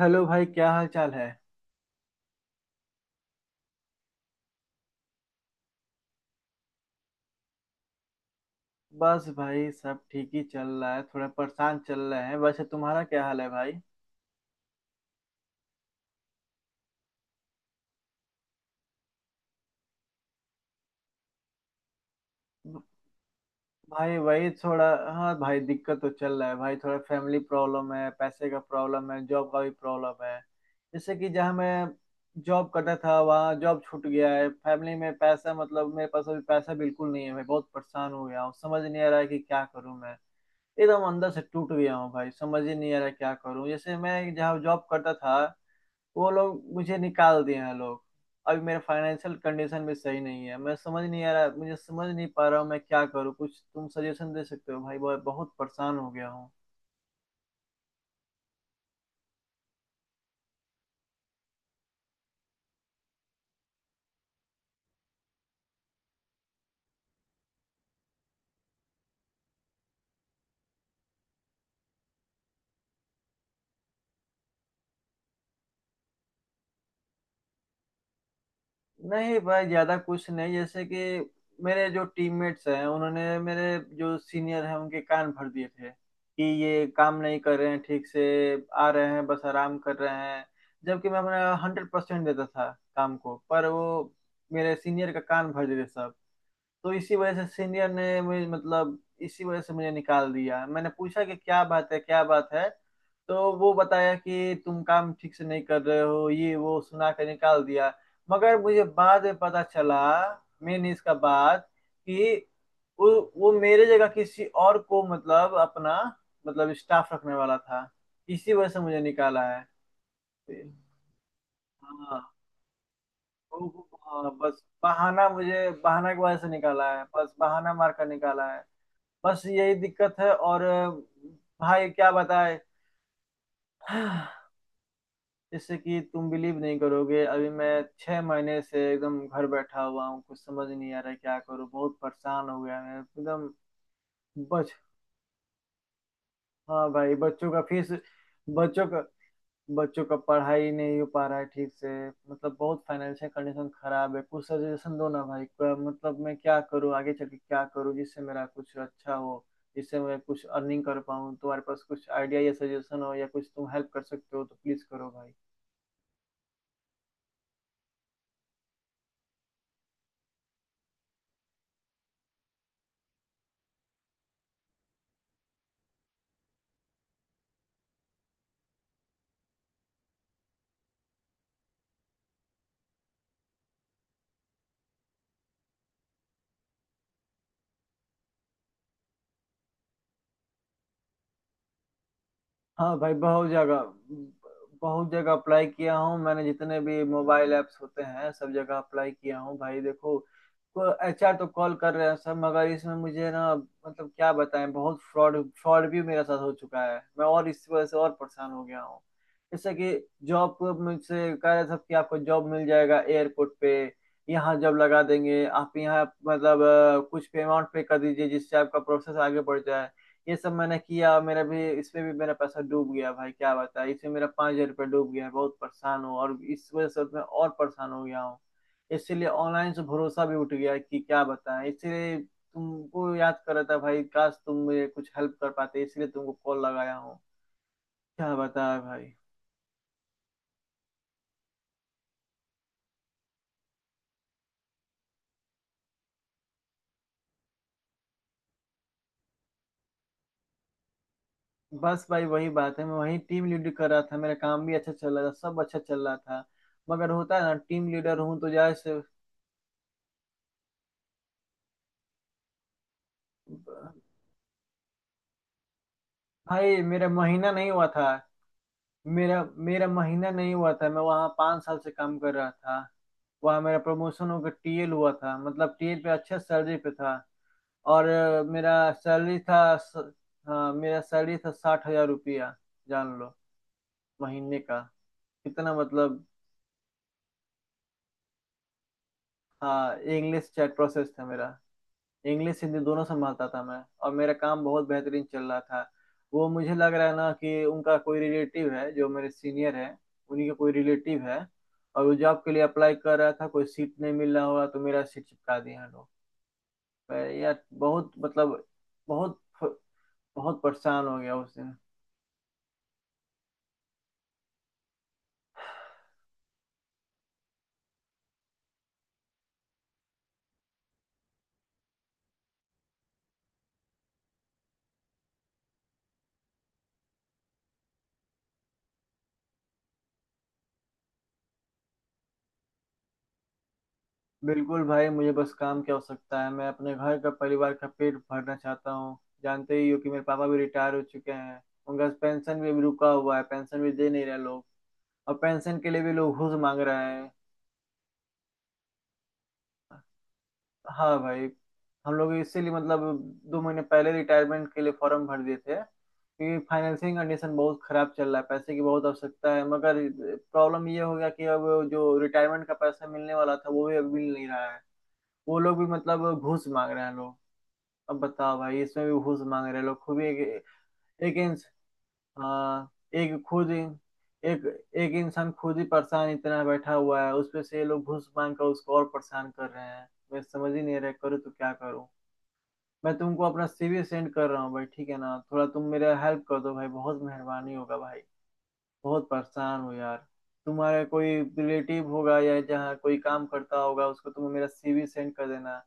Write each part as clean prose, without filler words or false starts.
Hello भाई, क्या हाल चाल है। बस भाई, सब ठीक ही चल रहा है, थोड़ा परेशान चल रहे हैं। वैसे तुम्हारा क्या हाल है भाई? ब- भाई वही थोड़ा। हाँ भाई, दिक्कत तो चल रहा है भाई। थोड़ा फैमिली प्रॉब्लम है, पैसे का प्रॉब्लम है, जॉब का भी प्रॉब्लम है। जैसे कि जहाँ मैं जॉब करता था वहाँ जॉब छूट गया है। फैमिली में पैसा, मतलब मेरे पास अभी पैसा बिल्कुल नहीं है। मैं बहुत परेशान हो गया हूँ, समझ नहीं आ रहा है कि क्या करूँ मैं। एकदम अंदर से टूट गया हूँ भाई, समझ ही नहीं आ रहा क्या करूँ। जैसे मैं जहाँ जॉब करता था वो लोग मुझे निकाल दिए हैं लोग। अभी मेरा फाइनेंशियल कंडीशन भी सही नहीं है। मैं समझ नहीं आ रहा, मुझे समझ नहीं पा रहा हूँ मैं क्या करूँ। कुछ तुम सजेशन दे सकते हो भाई? बहुत बहुत परेशान हो गया हूँ। नहीं भाई, ज्यादा कुछ नहीं। जैसे कि मेरे जो टीममेट्स हैं उन्होंने मेरे जो सीनियर हैं उनके कान भर दिए थे कि ये काम नहीं कर रहे हैं ठीक से, आ रहे हैं बस आराम कर रहे हैं। जबकि मैं अपना 100% देता था काम को। पर वो मेरे सीनियर का कान भर देते सब। तो इसी वजह से सीनियर ने मुझे, मतलब इसी वजह से मुझे निकाल दिया। मैंने पूछा कि क्या बात है क्या बात है, तो वो बताया कि तुम काम ठीक से नहीं कर रहे हो, ये वो सुना के निकाल दिया। मगर मुझे बाद में पता चला मेन इसका बात, कि वो वो मेरे जगह किसी और को, मतलब अपना, मतलब स्टाफ रखने वाला था, इसी वजह से मुझे निकाला है। हाँ। वो- वो- हाँ, बस बहाना, मुझे बहाना की वजह से निकाला है, बस बहाना मार कर निकाला है। बस यही दिक्कत है और। भाई क्या बताए। जैसे कि तुम बिलीव नहीं करोगे। अभी मैं 6 महीने से एकदम घर बैठा हुआ हूँ, कुछ समझ नहीं आ रहा है क्या करूँ। बहुत परेशान हो गया मैं एकदम। बच हाँ भाई, बच्चों का फीस, बच्चों का बच्चों का पढ़ाई नहीं हो पा रहा है ठीक से। मतलब बहुत फाइनेंशियल कंडीशन खराब है। कुछ सजेशन दो ना भाई, मतलब मैं क्या करूँ, आगे चल के क्या करूँ जिससे मेरा कुछ अच्छा हो, जिससे मैं कुछ अर्निंग कर पाऊँ। तुम्हारे पास कुछ आइडिया या सजेशन हो या कुछ तुम हेल्प कर सकते हो तो प्लीज करो भाई। हाँ भाई, बहुत जगह अप्लाई किया हूँ मैंने। जितने भी मोबाइल ऐप्स होते हैं सब जगह अप्लाई किया हूँ भाई। देखो, एचआर तो कॉल कर रहे हैं सब, मगर इसमें मुझे ना मतलब क्या बताएं, बहुत फ्रॉड फ्रॉड भी मेरे साथ हो चुका है मैं, और इस वजह से और परेशान हो गया हूँ। जैसे कि जॉब को मुझसे कह रहे थे कि आपको जॉब मिल जाएगा एयरपोर्ट पे, यहाँ जॉब लगा देंगे। आप यहाँ, मतलब कुछ पे अमाउंट पे कर दीजिए जिससे आपका प्रोसेस आगे बढ़ जाए। ये सब मैंने किया, मेरा भी इसमें भी मेरा पैसा डूब गया भाई, क्या बताएं, इसमें मेरा 5 हजार रुपया डूब गया है। बहुत परेशान हूँ और इस वजह से मैं और परेशान हो गया हूँ। इसीलिए ऑनलाइन से भरोसा भी उठ गया है, कि क्या बताएं। इसीलिए तुमको याद कर रहा था भाई, काश तुम मुझे कुछ हेल्प कर पाते, इसलिए तुमको कॉल लगाया हूँ। क्या बताएं भाई। बस भाई वही बात है, मैं वही टीम लीड कर रहा था, मेरा काम भी अच्छा चल रहा था, सब अच्छा चल रहा था, मगर होता है ना टीम लीडर हूँ तो जैसे। भाई मेरा मेरा महीना नहीं हुआ था। मैं वहाँ 5 साल से काम कर रहा था, वहाँ मेरा प्रमोशन होकर टीएल हुआ था। मतलब टीएल पे अच्छा सैलरी पे था। और मेरा सैलरी था, हाँ मेरा सैलरी था 60 हजार रुपया। जान लो, महीने का, कितना मतलब। हाँ, इंग्लिश चैट प्रोसेस था मेरा। इंग्लिश हिंदी दोनों संभालता था मैं, और मेरा काम बहुत बेहतरीन चल रहा था। वो मुझे लग रहा है ना कि उनका कोई रिलेटिव है जो मेरे सीनियर है, उन्हीं का कोई रिलेटिव है, और वो जॉब के लिए अप्लाई कर रहा था, कोई सीट नहीं मिल रहा होगा तो मेरा सीट चिपका दिया लोग। मैं यार बहुत, मतलब बहुत बहुत परेशान हो गया उस दिन। बिल्कुल भाई, मुझे बस काम की आवश्यकता है। मैं अपने घर का, परिवार का पेट भरना चाहता हूँ। जानते ही हो कि मेरे पापा भी रिटायर हो चुके हैं, उनका पेंशन भी अभी रुका हुआ है, पेंशन भी दे नहीं रहे लोग, और पेंशन के लिए भी लोग घूस मांग रहे हैं। हाँ भाई, हम लोग इसीलिए, मतलब 2 महीने पहले रिटायरमेंट के लिए फॉर्म भर दिए थे, क्योंकि फाइनेंसिंग कंडीशन बहुत खराब चल रहा है, पैसे की बहुत आवश्यकता है। मगर प्रॉब्लम ये हो गया कि अब जो रिटायरमेंट का पैसा मिलने वाला था वो भी अब मिल नहीं रहा है, वो लोग भी मतलब घूस मांग रहे हैं लोग। अब बताओ भाई, इसमें भी घूस मांग रहे हैं लोग खूब। एक, एक हाँ, एक इंसान खुद ही परेशान इतना बैठा हुआ है, उसपे से ये लोग घूस मांग कर उसको और परेशान कर रहे हैं। मैं समझ ही नहीं रहा करूँ तो क्या करूँ। मैं तुमको अपना सीवी सेंड कर रहा हूँ भाई, ठीक है ना? थोड़ा तुम मेरा हेल्प कर दो भाई, बहुत मेहरबानी होगा भाई। बहुत परेशान हूँ यार। तुम्हारा कोई रिलेटिव होगा या जहाँ कोई काम करता होगा उसको तुम मेरा सीवी सेंड कर देना।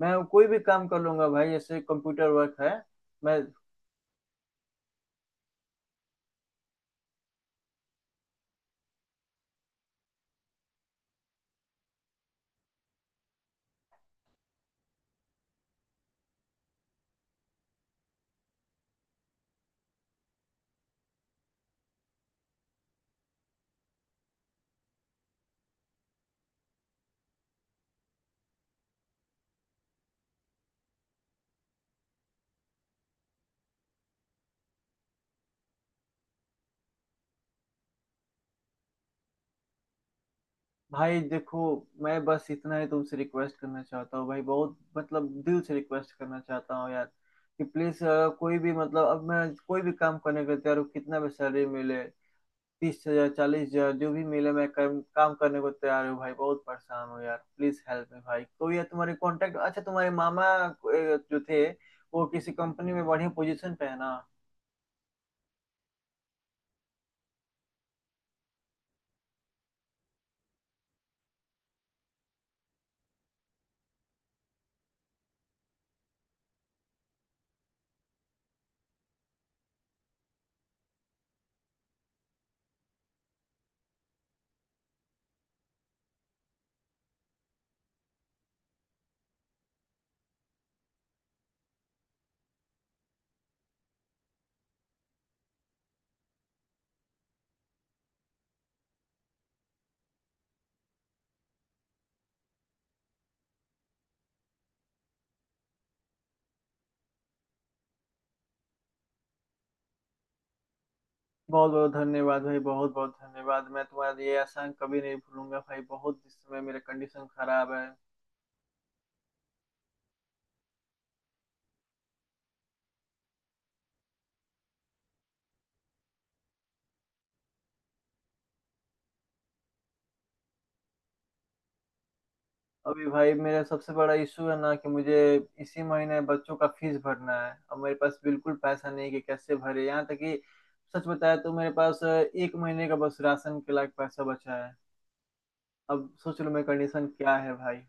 मैं कोई भी काम कर लूंगा भाई, जैसे कंप्यूटर वर्क है। मैं भाई देखो, मैं बस इतना ही तुमसे रिक्वेस्ट करना चाहता हूँ भाई, बहुत मतलब दिल से रिक्वेस्ट करना चाहता हूँ यार, कि प्लीज कोई भी मतलब अब मैं कोई भी काम करने को तैयार हूँ। कितना भी सैलरी मिले, 30 हजार, 40 हजार, जो भी मिले मैं काम करने को तैयार हूँ भाई। बहुत परेशान हूँ यार, प्लीज हेल्प मी भाई। कोई है तुम्हारे कांटेक्ट, अच्छा तुम्हारे मामा जो थे, वो किसी कंपनी में बढ़िया पोजीशन पे है ना? बहुत बहुत धन्यवाद भाई, बहुत बहुत धन्यवाद। मैं तुम्हारा ये एहसान कभी नहीं भूलूंगा भाई, बहुत इस समय मेरा कंडीशन खराब है। अभी भाई मेरा सबसे बड़ा इशू है ना कि मुझे इसी महीने बच्चों का फीस भरना है, अब मेरे पास बिल्कुल पैसा नहीं कि कैसे भरे, यहाँ तक कि सच बताया तो मेरे पास एक महीने का बस राशन के लायक पैसा बचा है। अब सोच लो मेरी कंडीशन क्या है भाई।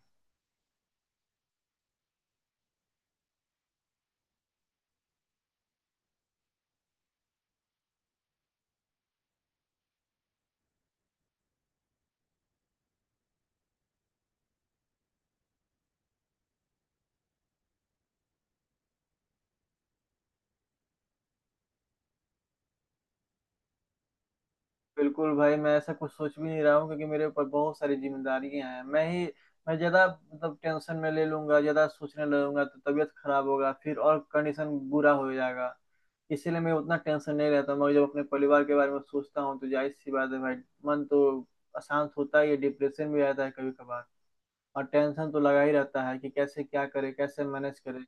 बिल्कुल भाई, मैं ऐसा कुछ सोच भी नहीं रहा हूँ, क्योंकि मेरे ऊपर बहुत सारी जिम्मेदारियां हैं। मैं ही, मैं ज्यादा मतलब टेंशन में ले लूंगा, ज्यादा सोचने लगूंगा तो तबीयत खराब होगा, फिर और कंडीशन बुरा हो जाएगा। इसीलिए मैं उतना टेंशन नहीं रहता। मैं जब अपने परिवार के बारे में सोचता हूँ तो जाहिर सी बात है भाई, मन तो अशांत होता ही है, डिप्रेशन भी आता है कभी कभार, और टेंशन तो लगा ही रहता है कि कैसे क्या करे, कैसे मैनेज करे।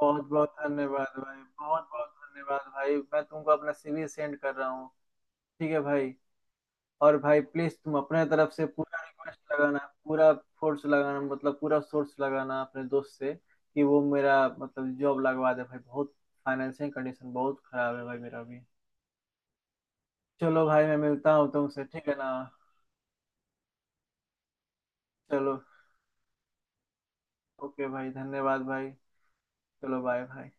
बहुत बहुत धन्यवाद भाई, बहुत बहुत धन्यवाद भाई, मैं तुमको अपना सीवी सेंड कर रहा हूँ। ठीक है भाई। और भाई प्लीज तुम अपने तरफ से पूरा रिक्वेस्ट लगाना, पूरा फोर्स लगाना, मतलब पूरा सोर्स लगाना अपने दोस्त से कि वो मेरा मतलब जॉब लगवा दे भाई। बहुत फाइनेंशियल कंडीशन बहुत खराब है भाई मेरा भी। चलो भाई, मैं मिलता हूँ तुमसे, ठीक है ना? चलो, ओके भाई, धन्यवाद भाई। चलो बाय भाई।